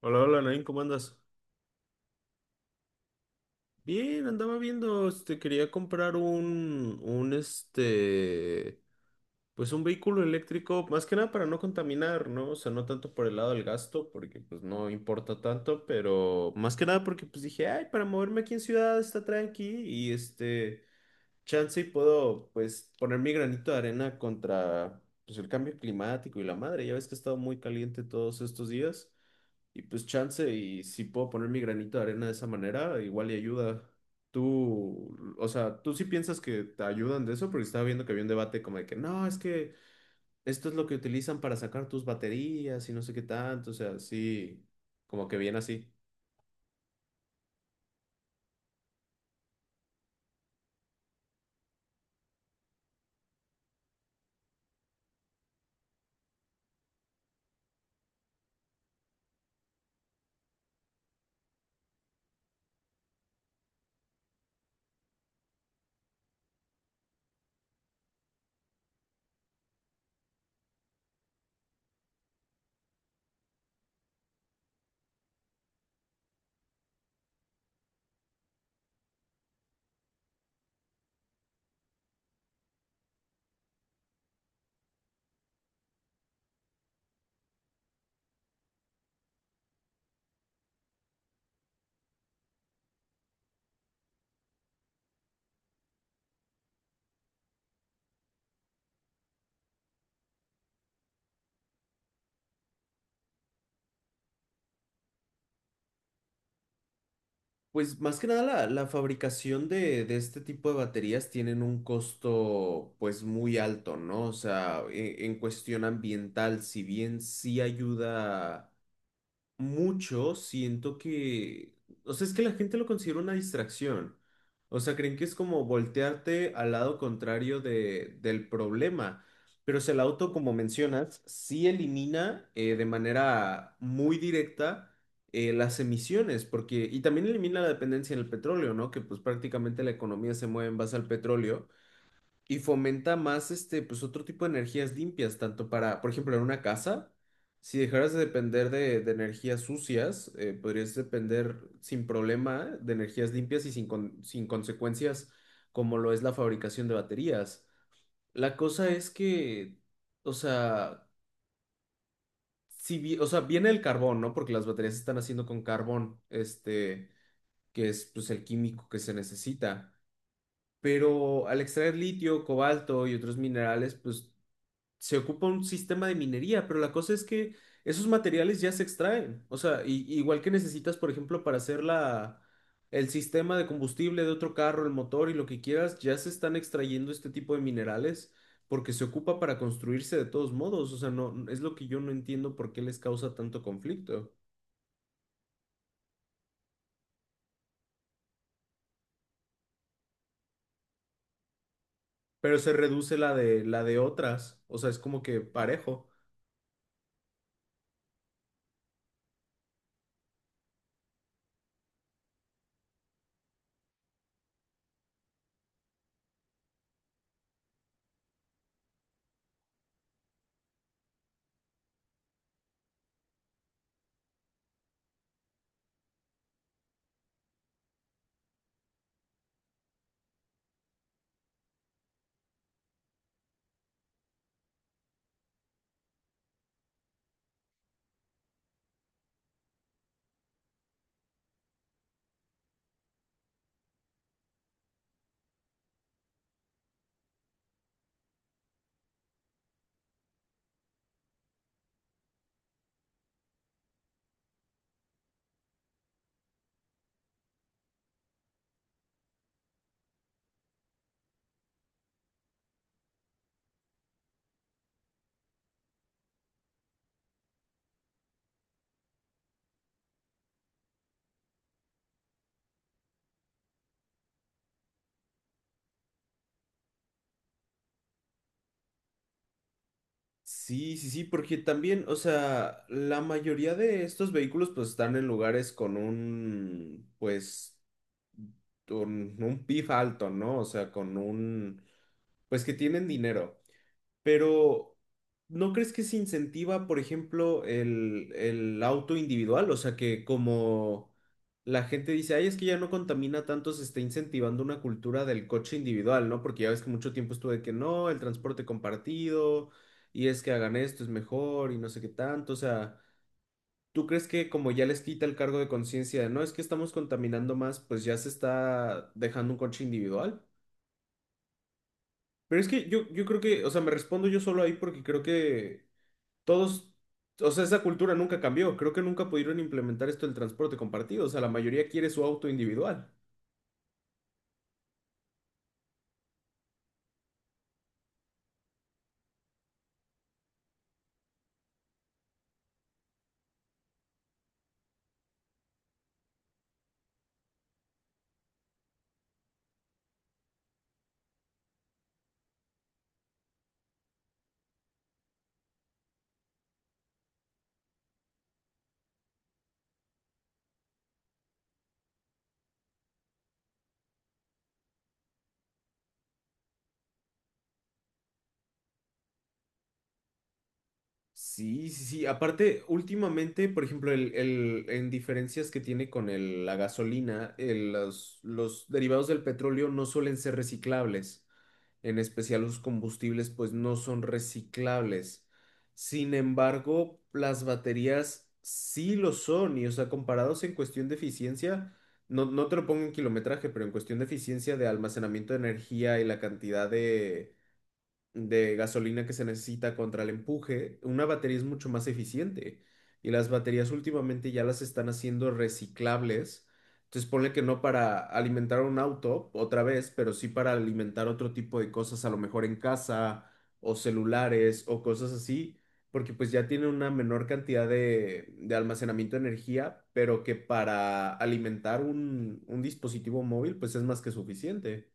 Hola, hola, Nain, ¿cómo andas? Bien, andaba viendo, quería comprar pues un vehículo eléctrico, más que nada para no contaminar, ¿no? O sea, no tanto por el lado del gasto, porque pues no importa tanto, pero más que nada porque pues dije, ay, para moverme aquí en ciudad está tranqui chance y puedo, pues, poner mi granito de arena contra, pues, el cambio climático y la madre, ya ves que ha estado muy caliente todos estos días. Y pues chance, y si puedo poner mi granito de arena de esa manera, igual y ayuda. Tú, o sea, tú sí piensas que te ayudan de eso, porque estaba viendo que había un debate como de que no, es que esto es lo que utilizan para sacar tus baterías y no sé qué tanto, o sea, sí, como que bien así. Pues más que nada la fabricación de este tipo de baterías tienen un costo pues muy alto, ¿no? O sea, en cuestión ambiental, si bien sí ayuda mucho siento que, o sea, es que la gente lo considera una distracción. O sea, creen que es como voltearte al lado contrario del problema. Pero o sea, el auto, como mencionas, sí elimina de manera muy directa las emisiones, porque, y también elimina la dependencia en el petróleo, ¿no? Que pues prácticamente la economía se mueve en base al petróleo y fomenta más pues otro tipo de energías limpias, tanto para, por ejemplo, en una casa, si dejaras de depender de energías sucias, podrías depender sin problema de energías limpias y sin consecuencias como lo es la fabricación de baterías. La cosa es que, o sea, si, vi- o sea, viene el carbón, ¿no? Porque las baterías se están haciendo con carbón, que es pues el químico que se necesita. Pero al extraer litio, cobalto y otros minerales, pues se ocupa un sistema de minería, pero la cosa es que esos materiales ya se extraen. O sea, igual que necesitas, por ejemplo, para hacer el sistema de combustible de otro carro, el motor y lo que quieras, ya se están extrayendo este tipo de minerales porque se ocupa para construirse de todos modos. O sea, no, es lo que yo no entiendo por qué les causa tanto conflicto. Pero se reduce la de otras. O sea, es como que parejo. Sí, sí, sí, porque también, o sea, la mayoría de estos vehículos pues están en lugares con un PIB alto, ¿no? O sea, con un, pues que tienen dinero. Pero, ¿no crees que se incentiva, por ejemplo, el auto individual? O sea, que como la gente dice, ay, es que ya no contamina tanto, se está incentivando una cultura del coche individual, ¿no? Porque ya ves que mucho tiempo estuvo de que no, el transporte compartido, y es que hagan esto, es mejor, y no sé qué tanto. O sea, ¿tú crees que como ya les quita el cargo de conciencia de no, es que estamos contaminando más, pues ya se está dejando un coche individual? Pero es que yo creo que, o sea, me respondo yo solo ahí porque creo que todos, o sea, esa cultura nunca cambió. Creo que nunca pudieron implementar esto del transporte compartido. O sea, la mayoría quiere su auto individual. Sí, sí, sí. Aparte, últimamente, por ejemplo, en diferencias que tiene con la gasolina, los derivados del petróleo no suelen ser reciclables. En especial los combustibles, pues no son reciclables. Sin embargo, las baterías sí lo son, y o sea, comparados en cuestión de eficiencia, no, no te lo pongo en kilometraje, pero en cuestión de eficiencia de almacenamiento de energía y la cantidad de gasolina que se necesita contra el empuje, una batería es mucho más eficiente. Y las baterías últimamente ya las están haciendo reciclables. Entonces ponle que no para alimentar un auto otra vez, pero sí para alimentar otro tipo de cosas, a lo mejor en casa o celulares o cosas así, porque pues ya tiene una menor cantidad de almacenamiento de energía, pero que para alimentar un dispositivo móvil pues es más que suficiente.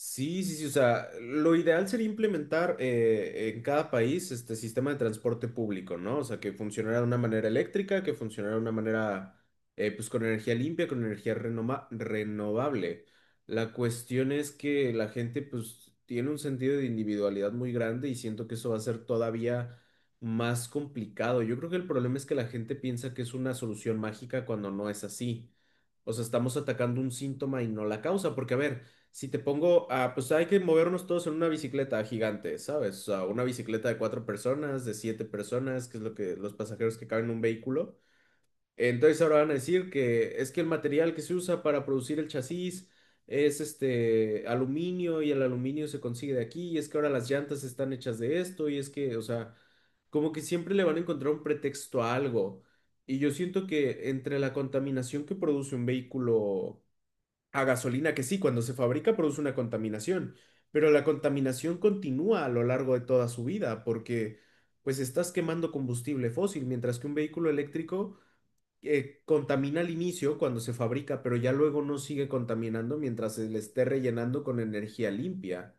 Sí, sí, sí, o sea, lo ideal sería implementar en cada país este sistema de transporte público, ¿no? O sea, que funcionara de una manera eléctrica, que funcionara de una manera, pues con energía limpia, con energía renovable. La cuestión es que la gente, pues, tiene un sentido de individualidad muy grande y siento que eso va a ser todavía más complicado. Yo creo que el problema es que la gente piensa que es una solución mágica cuando no es así. O sea, estamos atacando un síntoma y no la causa, porque, a ver, si te pongo, ah, pues hay que movernos todos en una bicicleta gigante, ¿sabes? O sea, una bicicleta de cuatro personas, de siete personas, que es lo que los pasajeros que caben en un vehículo. Entonces ahora van a decir que es que el material que se usa para producir el chasis es este aluminio y el aluminio se consigue de aquí y es que ahora las llantas están hechas de esto y es que, o sea, como que siempre le van a encontrar un pretexto a algo. Y yo siento que entre la contaminación que produce un vehículo a gasolina que sí, cuando se fabrica produce una contaminación, pero la contaminación continúa a lo largo de toda su vida porque pues estás quemando combustible fósil, mientras que un vehículo eléctrico contamina al inicio cuando se fabrica, pero ya luego no sigue contaminando mientras se le esté rellenando con energía limpia.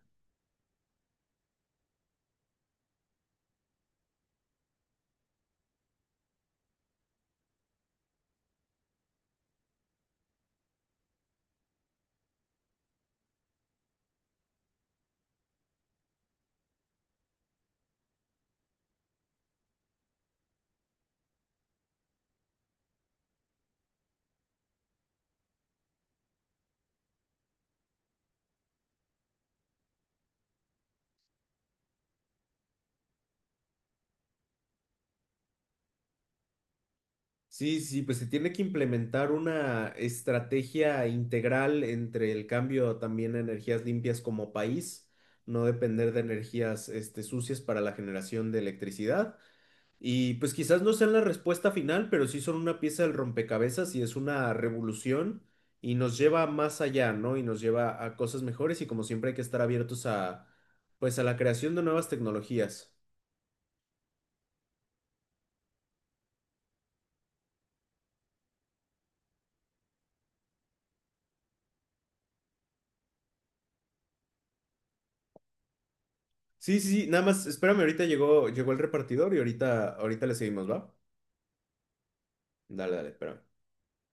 Sí, sí, pues se tiene que implementar una estrategia integral entre el cambio también a energías limpias como país, no depender de energías sucias para la generación de electricidad. Y pues quizás no sean la respuesta final, pero sí son una pieza del rompecabezas y es una revolución y nos lleva más allá, ¿no? Y nos lleva a cosas mejores y como siempre hay que estar abiertos a, pues a la creación de nuevas tecnologías. Sí, sí, sí, nada más, espérame, ahorita llegó el repartidor y ahorita le seguimos, ¿va? Dale, dale, espera.